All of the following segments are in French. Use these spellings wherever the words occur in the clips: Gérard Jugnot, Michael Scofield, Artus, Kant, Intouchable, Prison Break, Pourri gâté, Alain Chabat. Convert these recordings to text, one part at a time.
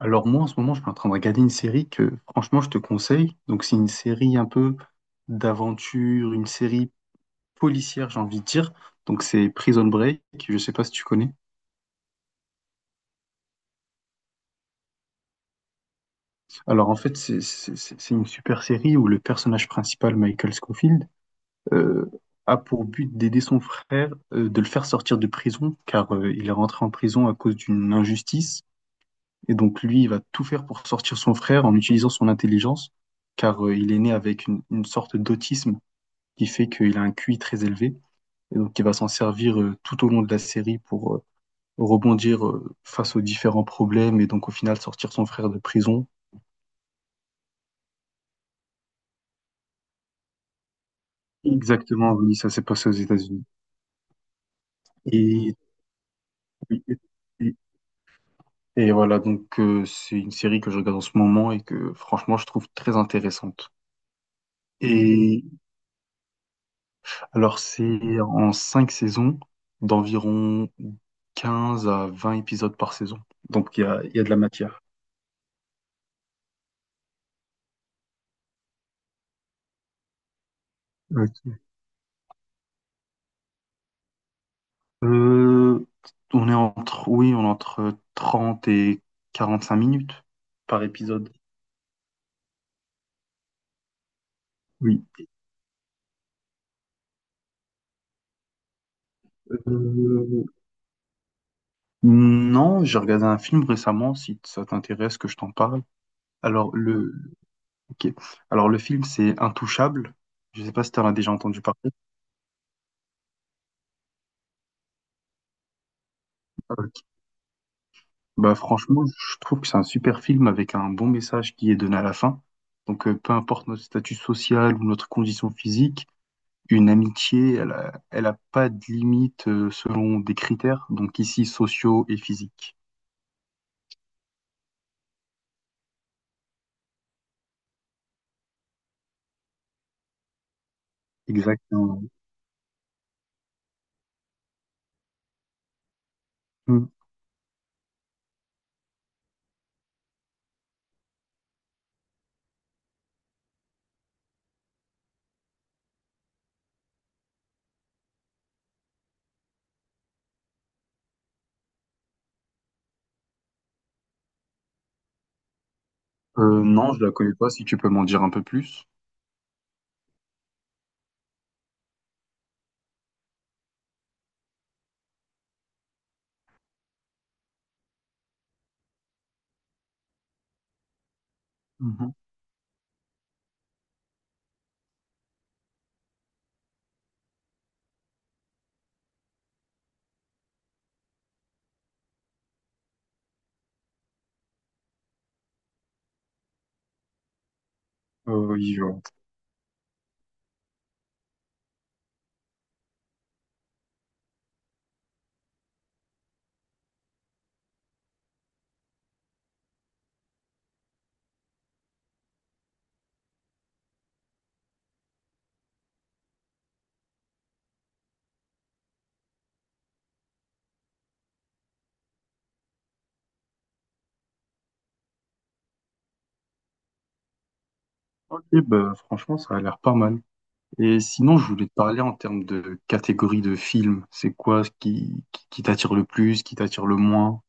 Alors moi, en ce moment, je suis en train de regarder une série que, franchement, je te conseille. Donc c'est une série un peu d'aventure, une série policière, j'ai envie de dire. Donc c'est Prison Break, je sais pas si tu connais. Alors en fait, c'est une super série où le personnage principal, Michael Scofield, euh, a pour but d'aider son frère, de le faire sortir de prison, car il est rentré en prison à cause d'une injustice. Et donc lui, il va tout faire pour sortir son frère en utilisant son intelligence, car il est né avec une sorte d'autisme qui fait qu'il a un QI très élevé et donc il va s'en servir tout au long de la série pour rebondir face aux différents problèmes et donc au final sortir son frère de prison. Exactement, oui, ça s'est passé aux États-Unis. Et, et, et voilà, donc c'est une série que je regarde en ce moment et que franchement je trouve très intéressante. Et alors c'est en cinq saisons d'environ 15 à 20 épisodes par saison. Donc il y a de la matière. Ok. Euh, oui, on est entre 30 et 45 minutes par épisode. Oui. Euh, non, j'ai regardé un film récemment, si ça t'intéresse que je t'en parle. Alors le, ok. Alors le film, c'est Intouchable. Je sais pas si tu en as déjà entendu parler. Ok. Bah franchement, je trouve que c'est un super film avec un bon message qui est donné à la fin. Donc peu importe notre statut social ou notre condition physique, une amitié, elle a pas de limite selon des critères, donc ici sociaux et physiques. Exactement. Mm. Non, je la connais pas, si tu peux m'en dire un peu plus. Mhm. Oui, je vois. Ok, bah, franchement, ça a l'air pas mal. Et sinon, je voulais te parler en termes de catégorie de films. C'est quoi ce qui t'attire le plus, qui t'attire le moins?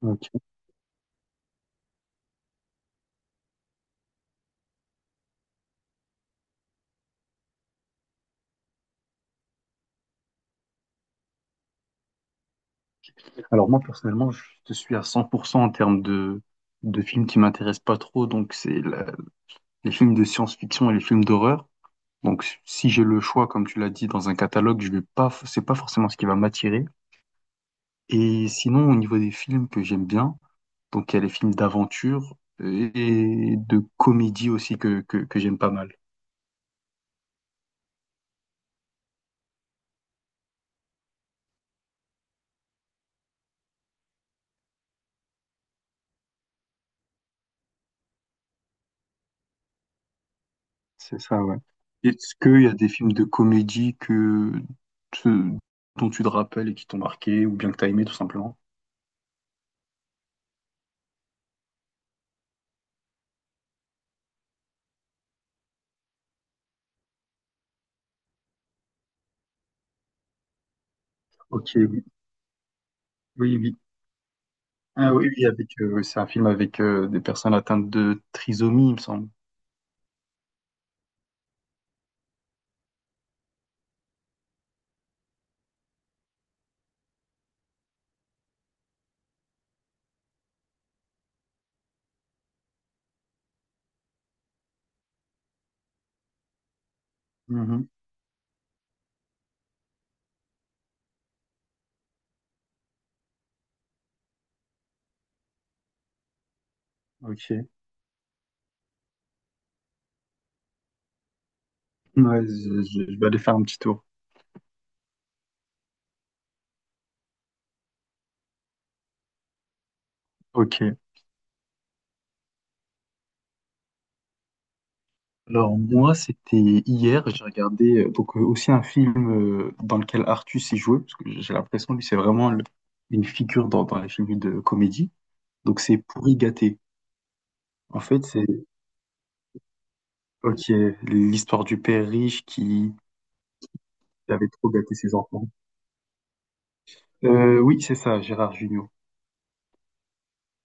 Ok. Alors moi, personnellement, je te suis à 100% en termes de films qui m'intéressent pas trop, donc c'est les films de science-fiction et les films d'horreur. Donc, si j'ai le choix, comme tu l'as dit, dans un catalogue, je vais pas, c'est pas forcément ce qui va m'attirer. Et sinon, au niveau des films que j'aime bien, donc il y a les films d'aventure et de comédie aussi que j'aime pas mal. C'est ça, ouais. Est-ce qu'il y a des films de comédie te- dont tu te rappelles et qui t'ont marqué ou bien que t'as aimé tout simplement? Ok, oui, oui, oui. Ah oui, oui, c'est un film avec des personnes atteintes de trisomie, il me semble. Mhm, ok. Ouais, je vais aller faire un petit tour. Ok. Alors moi, c'était hier, j'ai regardé donc aussi un film dans lequel Artus est joué, parce que j'ai l'impression lui c'est vraiment une figure dans les films de comédie. Donc c'est Pourri gâté. En fait, c'est, ok, l'histoire du père riche qui avait trop gâté ses enfants. Oui, c'est ça, Gérard Jugnot.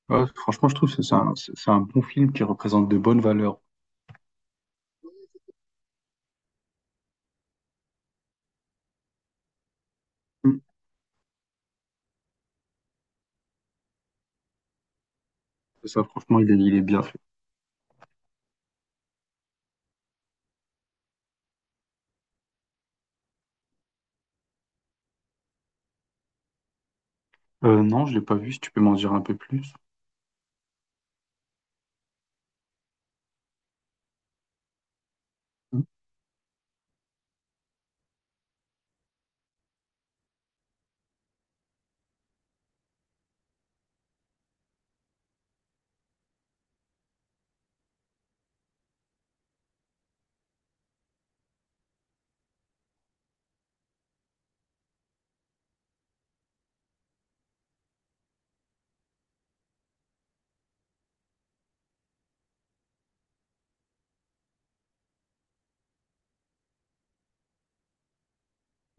Ouais, franchement, je trouve que c'est un bon film qui représente de bonnes valeurs. Mm. C'est ça, franchement, il est bien fait. Non, je l'ai pas vu. Si tu peux m'en dire un peu plus.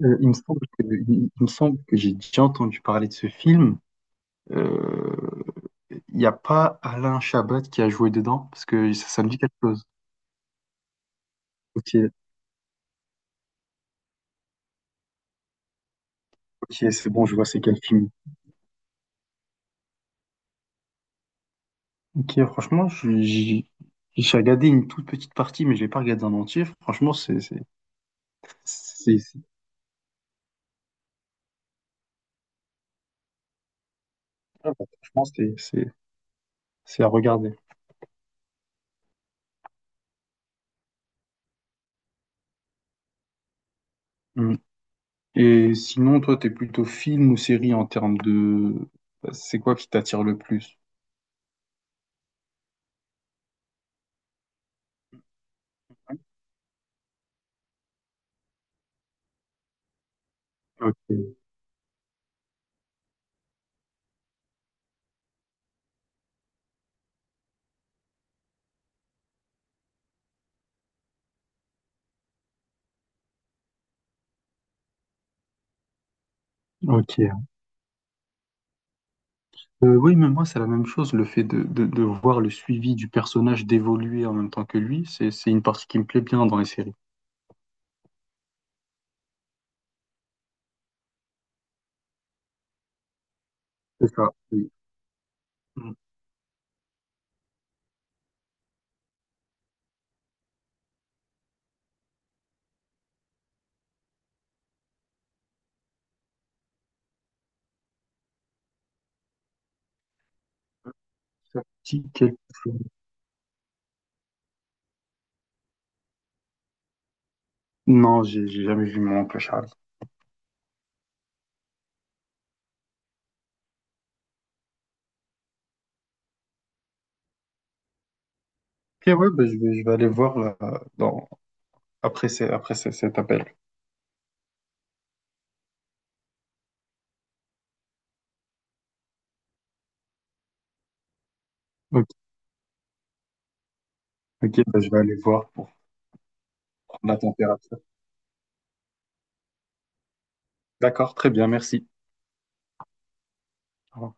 Euh, il me semble que, il me semble que j'ai déjà entendu parler de ce film. Euh, Il n'y a pas Alain Chabat qui a joué dedans, parce que ça me dit quelque chose. Ok, ok, c'est bon, je vois c'est quel film. Ok, franchement, j'ai regardé une toute petite partie, mais je l'ai pas regardé en entier. Franchement, c'est c'est- franchement, c'est- c'est- c'est à regarder. Mm. Et sinon, toi, t'es plutôt film ou série en termes de. C'est quoi qui t'attire le plus? Ok, ok. Oui, mais moi, c'est la même chose. Le fait de voir le suivi du personnage d'évoluer en même temps que lui, c'est une partie qui me plaît bien dans les séries. C'est ça, oui. Mm. Ça dit quelque chose. Non, j'ai jamais vu Mon oncle Charlie. Ok, ouais, bah, je vais aller voir là, dans, après ces- cet appel. Ok, ok, bah, je vais aller voir pour prendre la température. D'accord, très bien, merci. Au revoir.